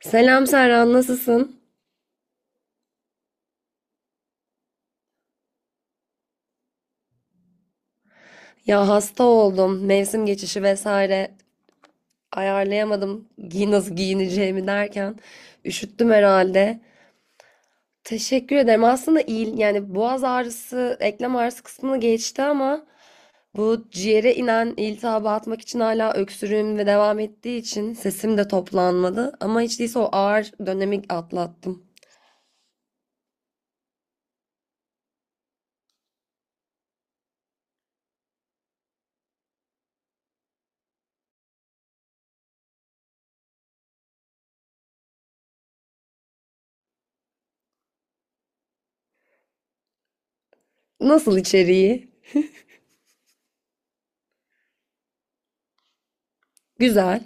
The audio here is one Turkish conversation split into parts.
Selam Serhan, nasılsın? Ya hasta oldum. Mevsim geçişi vesaire ayarlayamadım. Nasıl giyineceğimi derken üşüttüm herhalde. Teşekkür ederim. Aslında yani boğaz ağrısı, eklem ağrısı kısmını geçti ama bu ciğere inen iltihabı atmak için hala öksürüğüm ve devam ettiği için sesim de toplanmadı. Ama hiç değilse o ağır dönemi atlattım. Nasıl içeriği? Güzel.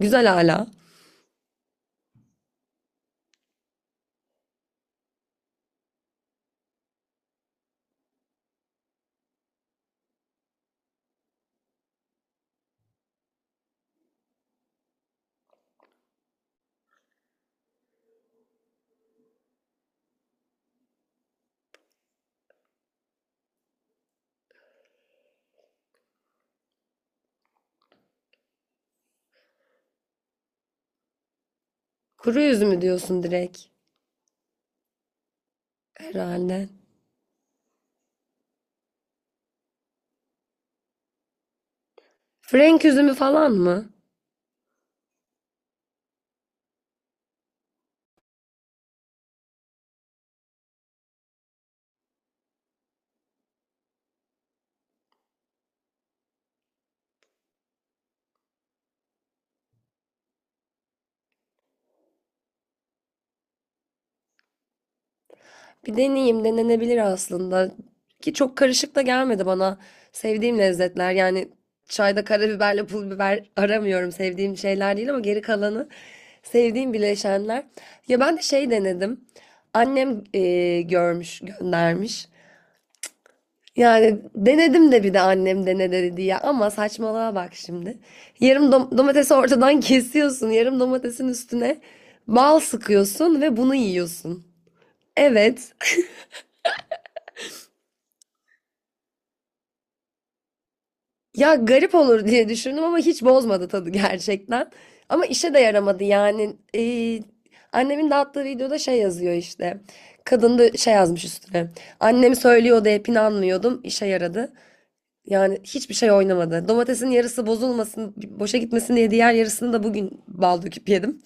Güzel hala. Kuru üzümü diyorsun direkt herhalde. Frenk üzümü falan mı? Bir deneyeyim, denenebilir aslında. Ki çok karışık da gelmedi bana. Sevdiğim lezzetler yani çayda karabiberle pul biber aramıyorum. Sevdiğim şeyler değil ama geri kalanı sevdiğim bileşenler. Ya ben de şey denedim. Annem görmüş, göndermiş. Yani denedim de bir de annem dene dedi ya ama saçmalığa bak şimdi. Yarım domatesi ortadan kesiyorsun. Yarım domatesin üstüne bal sıkıyorsun ve bunu yiyorsun. Evet. Ya garip olur diye düşündüm ama hiç bozmadı tadı gerçekten. Ama işe de yaramadı yani. Annemin dağıttığı videoda şey yazıyor işte. Kadın da şey yazmış üstüne. Annem söylüyordu hep inanmıyordum. İşe yaradı. Yani hiçbir şey oynamadı. Domatesin yarısı bozulmasın, boşa gitmesin diye diğer yarısını da bugün bal döküp yedim.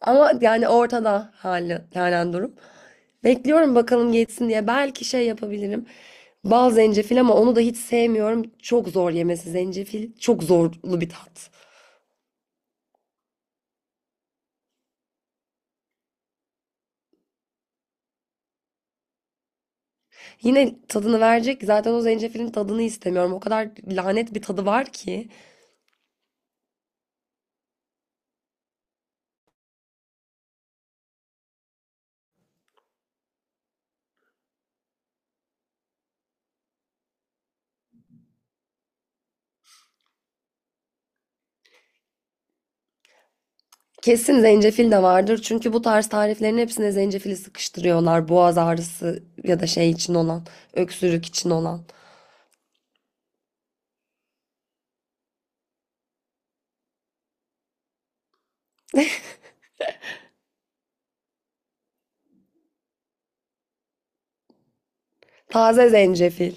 Ama yani ortada halen durum. Bekliyorum bakalım geçsin diye. Belki şey yapabilirim. Bal zencefil ama onu da hiç sevmiyorum. Çok zor yemesi zencefil. Çok zorlu bir tat. Yine tadını verecek. Zaten o zencefilin tadını istemiyorum. O kadar lanet bir tadı var ki. Kesin zencefil de vardır. Çünkü bu tarz tariflerin hepsine zencefili sıkıştırıyorlar. Boğaz ağrısı ya da şey için olan, öksürük için olan. Taze zencefil.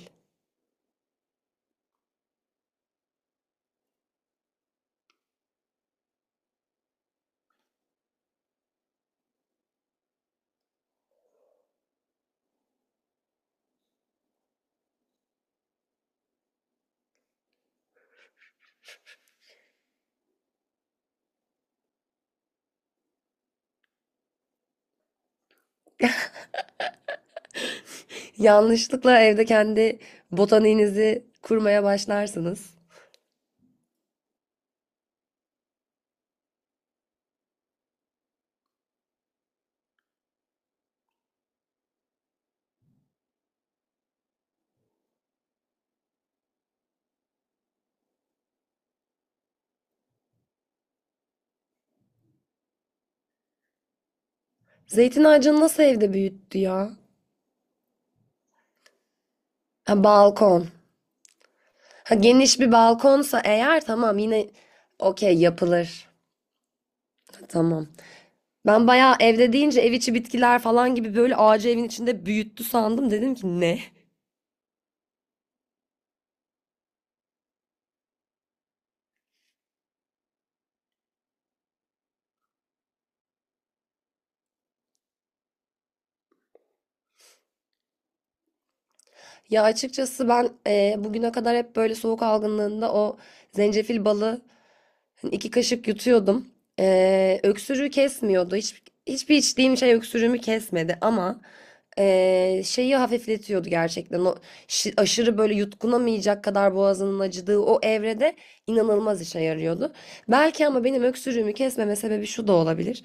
Yanlışlıkla evde kendi botaniğinizi kurmaya başlarsınız. Zeytin ağacını nasıl evde büyüttü ya? Ha, balkon. Ha, geniş bir balkonsa eğer tamam yine okey yapılır. Tamam. Ben bayağı evde deyince ev içi bitkiler falan gibi böyle ağacı evin içinde büyüttü sandım. Dedim ki ne? Ya açıkçası ben bugüne kadar hep böyle soğuk algınlığında o zencefil balı, hani 2 kaşık yutuyordum. Öksürüğü kesmiyordu. Hiçbir içtiğim şey öksürüğümü kesmedi ama şeyi hafifletiyordu gerçekten. O aşırı böyle yutkunamayacak kadar boğazının acıdığı o evrede inanılmaz işe yarıyordu. Belki ama benim öksürüğümü kesmeme sebebi şu da olabilir.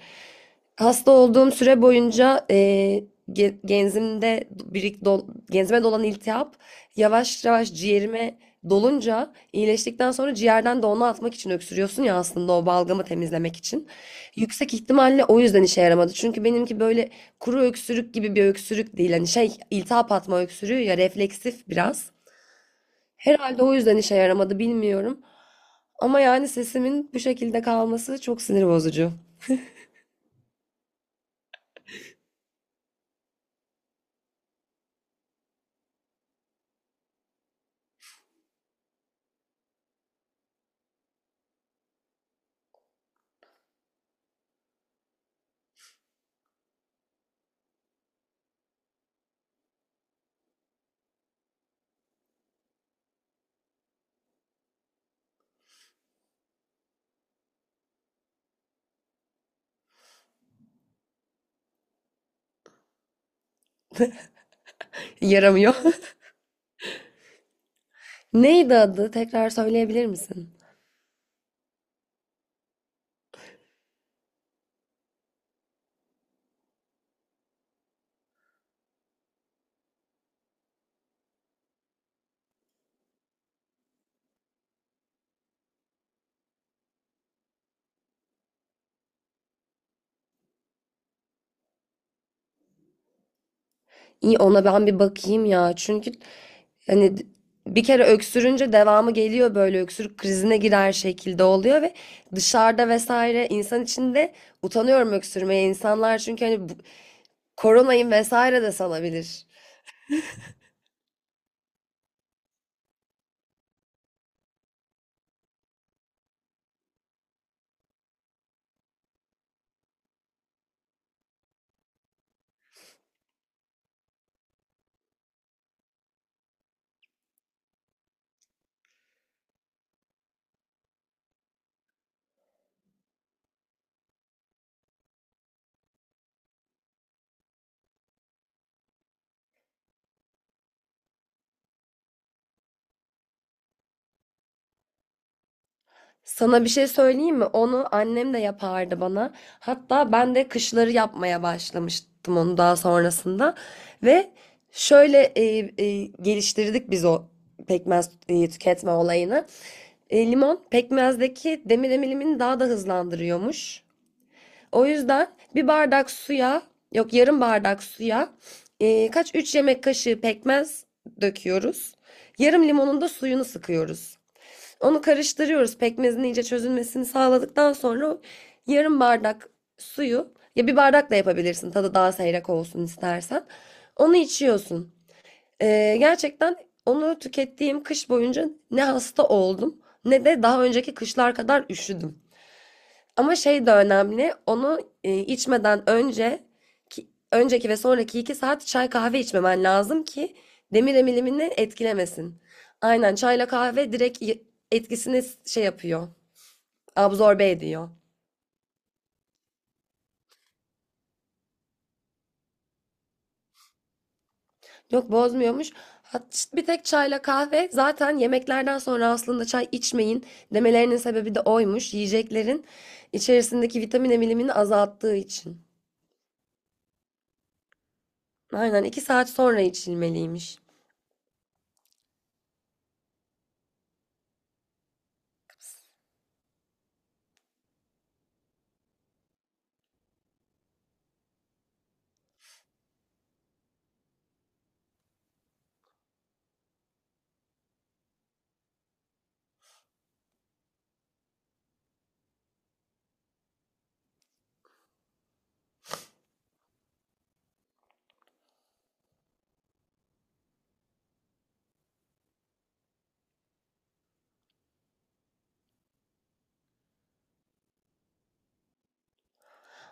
Hasta olduğum süre boyunca genzimde genzime dolan iltihap yavaş yavaş ciğerime dolunca iyileştikten sonra ciğerden de onu atmak için öksürüyorsun ya aslında o balgamı temizlemek için. Yüksek ihtimalle o yüzden işe yaramadı. Çünkü benimki böyle kuru öksürük gibi bir öksürük değil. Hani şey iltihap atma öksürüğü ya refleksif biraz. Herhalde o yüzden işe yaramadı bilmiyorum. Ama yani sesimin bu şekilde kalması çok sinir bozucu. Yaramıyor. Neydi adı? Tekrar söyleyebilir misin? İyi ona ben bir bakayım ya. Çünkü hani bir kere öksürünce devamı geliyor böyle öksürük krizine girer şekilde oluyor ve dışarıda vesaire insan içinde utanıyorum öksürmeye. İnsanlar çünkü hani koronayım vesaire de salabilir. Sana bir şey söyleyeyim mi? Onu annem de yapardı bana. Hatta ben de kışları yapmaya başlamıştım onu daha sonrasında. Ve şöyle geliştirdik biz o pekmez tüketme olayını. Limon pekmezdeki demir emilimini daha da hızlandırıyormuş. O yüzden bir bardak suya, yok yarım bardak suya e, kaç 3 yemek kaşığı pekmez döküyoruz. Yarım limonun da suyunu sıkıyoruz. Onu karıştırıyoruz. Pekmezin iyice çözülmesini sağladıktan sonra yarım bardak suyu ya bir bardak da yapabilirsin tadı daha seyrek olsun istersen. Onu içiyorsun. Gerçekten onu tükettiğim kış boyunca ne hasta oldum ne de daha önceki kışlar kadar üşüdüm. Ama şey de önemli. Onu içmeden önce önceki ve sonraki 2 saat çay kahve içmemen lazım ki demir emilimini etkilemesin. Aynen çayla kahve direkt etkisini şey yapıyor. Absorbe ediyor. Yok bozmuyormuş. Bir tek çayla kahve zaten yemeklerden sonra aslında çay içmeyin demelerinin sebebi de oymuş. Yiyeceklerin içerisindeki vitamin emilimini azalttığı için. Aynen 2 saat sonra içilmeliymiş.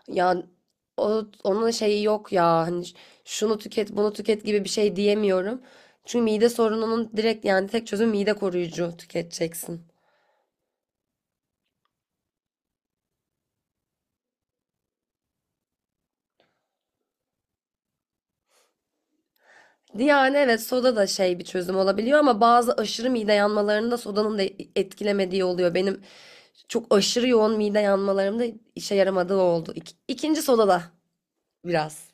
Ya onun şeyi yok ya hani şunu tüket bunu tüket gibi bir şey diyemiyorum. Çünkü mide sorununun direkt yani tek çözüm mide koruyucu tüketeceksin. Yani evet soda da şey bir çözüm olabiliyor ama bazı aşırı mide yanmalarında sodanın da etkilemediği oluyor. Benim çok aşırı yoğun mide yanmalarımda işe yaramadığı oldu. İkinci soda da biraz.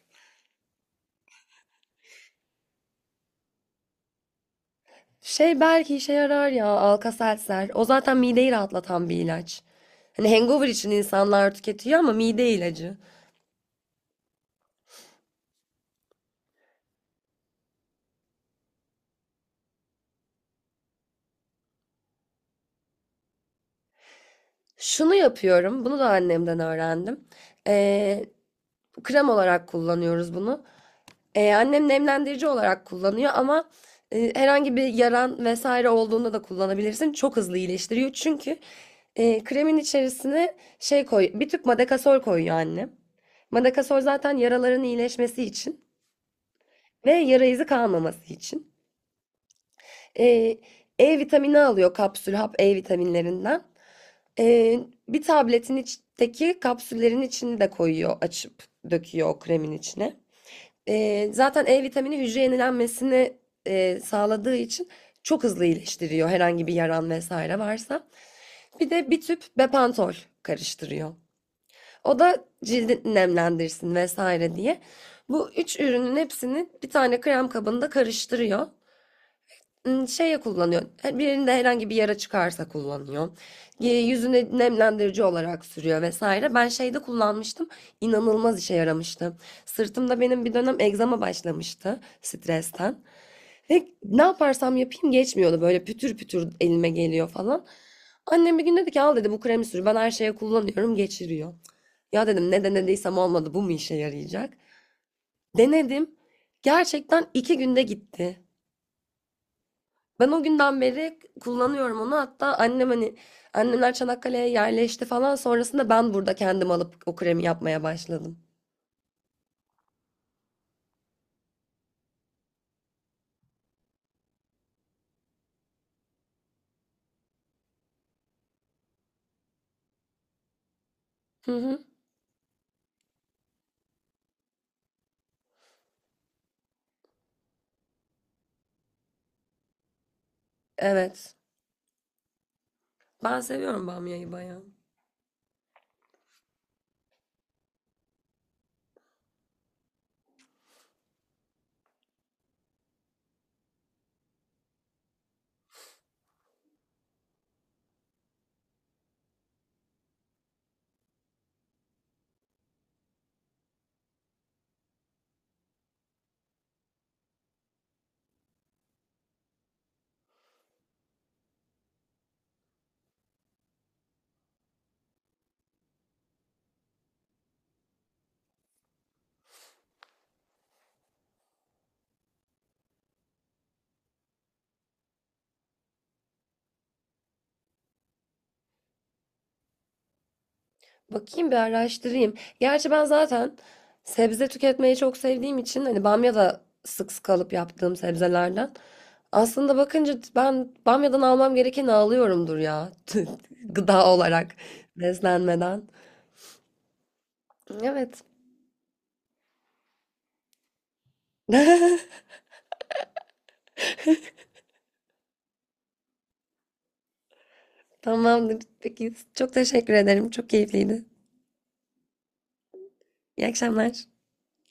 Şey belki işe yarar ya Alka-Seltzer. O zaten mideyi rahatlatan bir ilaç. Hani hangover için insanlar tüketiyor ama mide ilacı. Şunu yapıyorum. Bunu da annemden öğrendim. Ee, Krem olarak kullanıyoruz bunu. Annem nemlendirici olarak kullanıyor ama herhangi bir yaran vesaire olduğunda da kullanabilirsin. Çok hızlı iyileştiriyor. Çünkü kremin içerisine bir tüp madakasol koyuyor annem. Madakasol zaten yaraların iyileşmesi için ve yara izi kalmaması için. Eee, E vitamini alıyor kapsül hap E vitaminlerinden. Eee, Bir tabletin içteki kapsüllerin içini de koyuyor açıp döküyor o kremin içine. Zaten E vitamini hücre yenilenmesini sağladığı için çok hızlı iyileştiriyor herhangi bir yaran vesaire varsa. Bir de bir tüp Bepantol karıştırıyor. O da cildi nemlendirsin vesaire diye. Bu üç ürünün hepsini bir tane krem kabında karıştırıyor. Şeye kullanıyor, birinde herhangi bir yara çıkarsa kullanıyor. Yüzüne nemlendirici olarak sürüyor vesaire. Ben şeyde kullanmıştım, inanılmaz işe yaramıştı. Sırtımda benim bir dönem egzama başlamıştı stresten. Ve ne yaparsam yapayım geçmiyordu, böyle pütür pütür elime geliyor falan. Annem bir gün dedi ki al dedi bu kremi sür, ben her şeye kullanıyorum geçiriyor. Ya dedim ne denediysem olmadı bu mu işe yarayacak? Denedim, gerçekten 2 günde gitti. Ben o günden beri kullanıyorum onu. Hatta annem hani annemler Çanakkale'ye yerleşti falan. Sonrasında ben burada kendim alıp o kremi yapmaya başladım. Hı hı. Evet. Ben seviyorum bamyayı bayağı. Bakayım bir araştırayım. Gerçi ben zaten sebze tüketmeyi çok sevdiğim için hani bamya da sık sık alıp yaptığım sebzelerden. Aslında bakınca ben bamyadan almam gerekeni alıyorumdur ya. Gıda olarak beslenmeden. Evet. Tamamdır. Peki. Çok teşekkür ederim. Çok keyifliydi. İyi akşamlar.